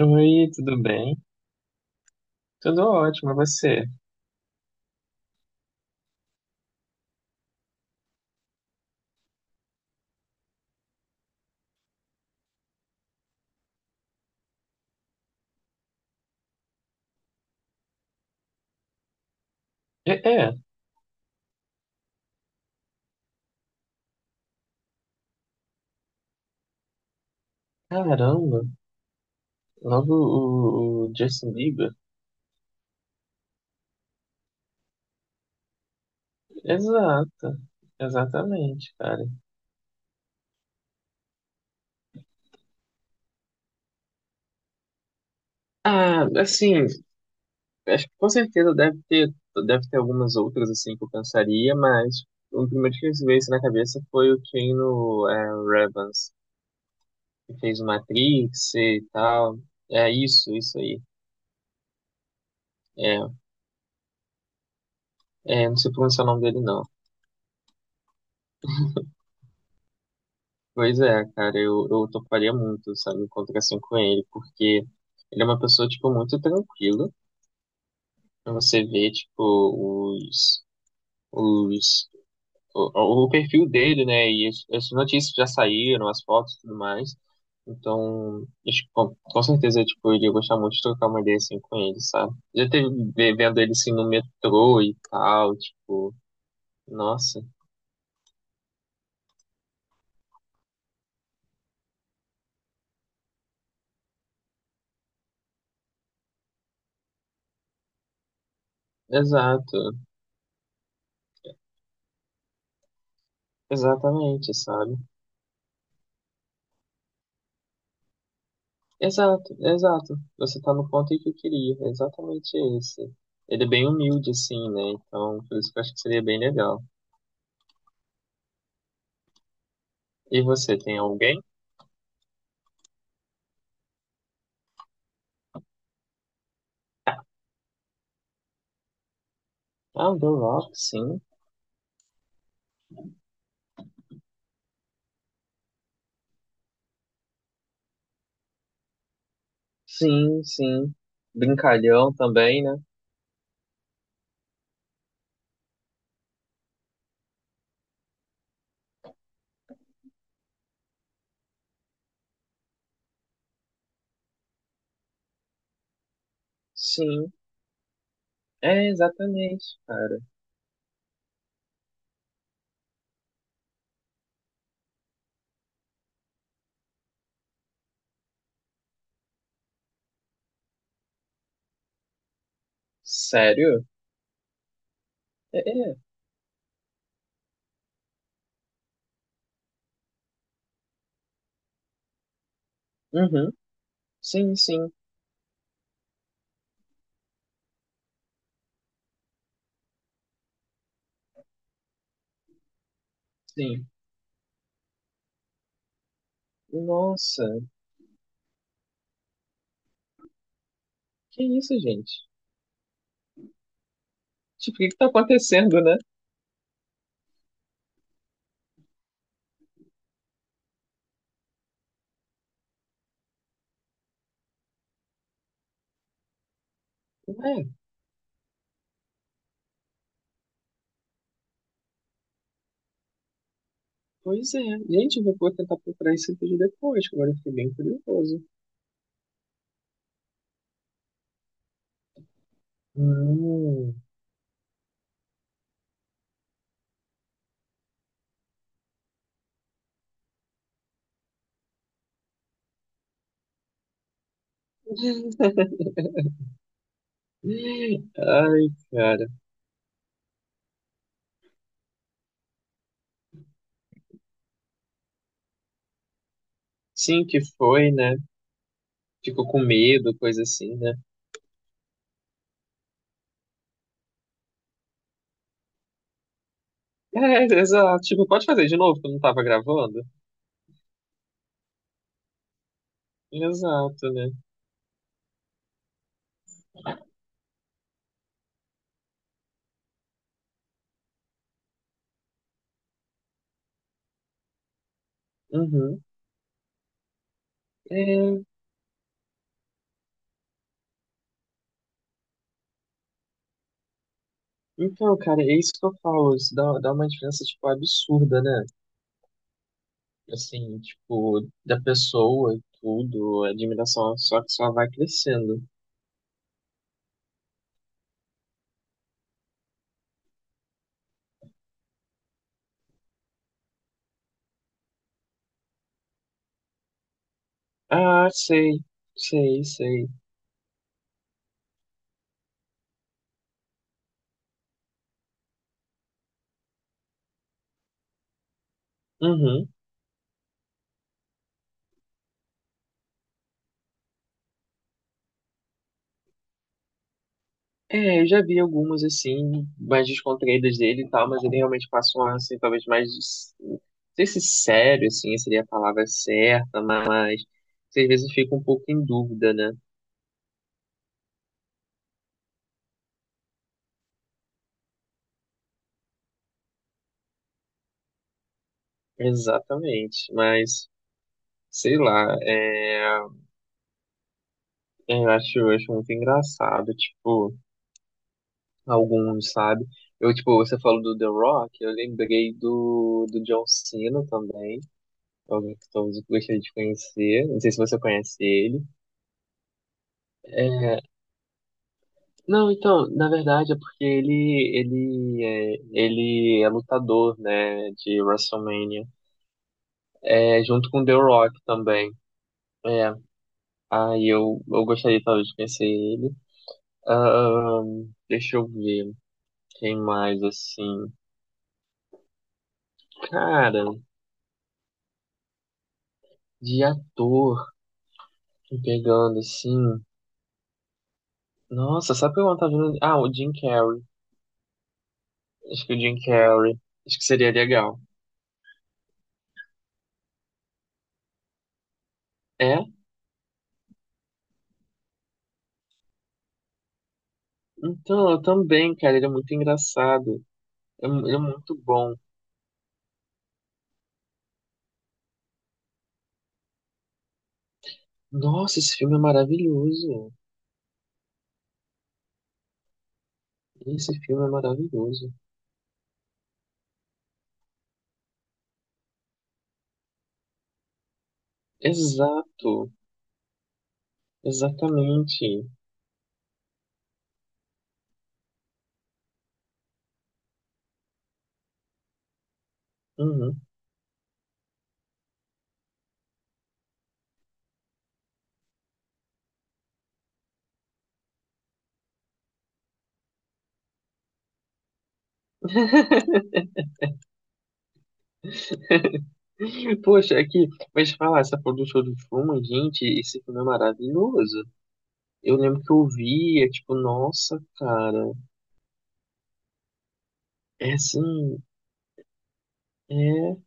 Oi, tudo bem? Tudo ótimo, e você? É, é, caramba, logo o Justin Bieber. Exato, exatamente, cara. Ah, assim, acho que com certeza deve ter algumas outras, assim, que eu pensaria, mas o primeiro que veio isso na cabeça foi o Keanu Reeves, que fez o Matrix e tal. É isso, isso aí. É, não sei pronunciar o nome dele, não. Pois é, cara, eu toparia muito, sabe, encontrar assim com ele, porque ele é uma pessoa, tipo, muito tranquila. Você vê, tipo, os, o perfil dele, né, e as notícias já saíram, as fotos e tudo mais. Então, acho que com certeza, tipo, eu iria gostar muito de trocar uma ideia, assim, com ele, sabe? Já teve vendo ele, assim, no metrô e tal, tipo, nossa, exato, exatamente, sabe? Exato, exato. Você tá no ponto em que eu queria, é exatamente esse. Ele é bem humilde, assim, né? Então, por isso que eu acho que seria bem legal. E você tem alguém? Ah, o The Rock, sim. Sim, sim. Brincalhão também, né? Sim. É, exatamente, cara. Sério? É, é. Uhum. Sim, sim, sim. Nossa, que isso, gente? Tipo, o que que tá acontecendo, né? É, pois é. Gente, eu vou tentar procurar esse vídeo depois, que agora eu fiquei bem curioso. Hum. Ai, cara. Sim, que foi, né? Ficou com medo, coisa assim, né? É, exato. Tipo, pode fazer de novo, que eu não tava gravando? Exato, né? Uhum. É, então, cara, é isso que eu falo. Isso dá uma diferença, tipo, absurda, né? Assim, tipo, da pessoa e tudo, a admiração só que só vai crescendo. Ah, sei, sei, sei. Uhum. É, eu já vi algumas assim, mais descontraídas dele e tal, mas ele realmente passa um ar assim, talvez mais. Não sei se sério, assim, seria a palavra certa, mas às vezes fica um pouco em dúvida, né? Exatamente, mas sei lá, eu acho muito engraçado, tipo, alguns, sabe? Eu, tipo, você falou do The Rock, eu lembrei do John Cena também, é alguém que talvez eu gostaria de conhecer, não sei se você conhece ele. É, não, então, na verdade é porque ele é lutador, né, de WrestleMania, é, junto com The Rock também. É, aí eu gostaria talvez de conhecer ele. Deixa eu ver, quem mais assim? Cara, de ator, pegando assim. Nossa, sabe o que eu não tava vendo? Ah, o Jim Carrey. Acho que o Jim Carrey. Acho que seria legal. É? Então, eu também, cara, ele é muito engraçado. Ele é muito bom. Nossa, esse filme é maravilhoso. Esse filme é maravilhoso. Exato, exatamente. Uhum. Poxa, aqui, mas falar, essa porra do show de Truman, gente, esse filme é maravilhoso. Eu lembro que eu via, tipo, nossa, cara, é assim, é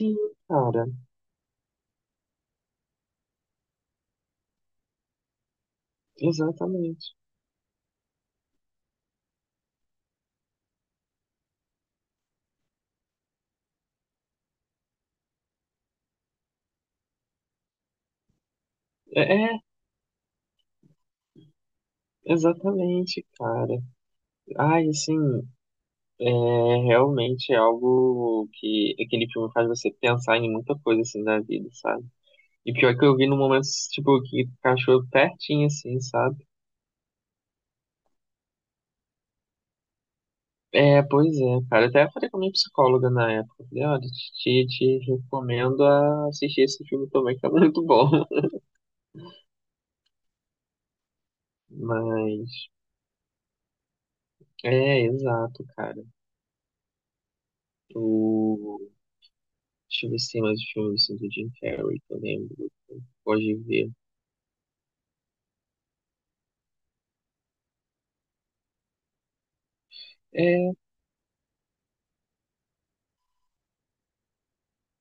sim, cara, exatamente. É, é, exatamente, cara. Ai, assim, é, realmente é algo que aquele filme faz você pensar em muita coisa, assim, da vida, sabe? E pior que eu vi no momento, tipo, que encaixou pertinho, assim, sabe? É, pois é, cara. Até falei com a minha psicóloga na época. Falei, olha, te recomendo a assistir esse filme também, que é muito bom. Mas, é, exato, cara. O... Deixa eu ver se tem mais filmes assim, do Jim Carrey, que eu lembro. Pode ver. É,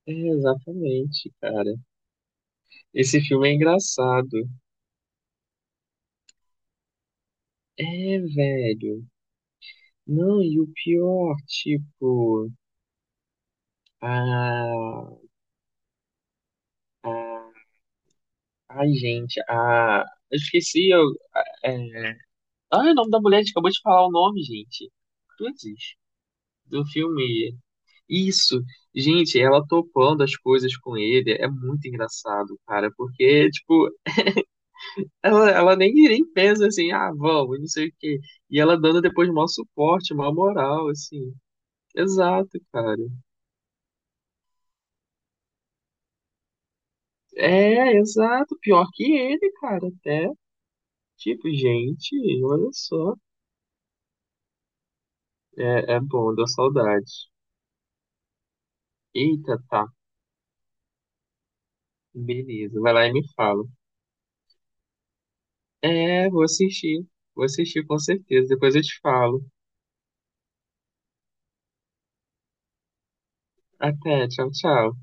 exatamente, cara. Esse filme é engraçado. É, velho. Não, e o pior, tipo... Ah, ai, gente, a. Eu esqueci. Eu... É... Ai, o nome da mulher, a gente acabou de falar o nome, gente. Cruzes, do filme. Isso, gente, ela topando as coisas com ele é muito engraçado, cara, porque, tipo, ela nem, nem pensa assim, ah, vamos, não sei o quê. E ela dando depois maior suporte, maior moral, assim. Exato, cara. É, exato. Pior que ele, cara, até. Tipo, gente, olha só. É, é bom, deu saudade. Eita, tá. Beleza. Vai lá e me fala. É, vou assistir. Vou assistir com certeza. Depois eu te falo. Até. Tchau, tchau.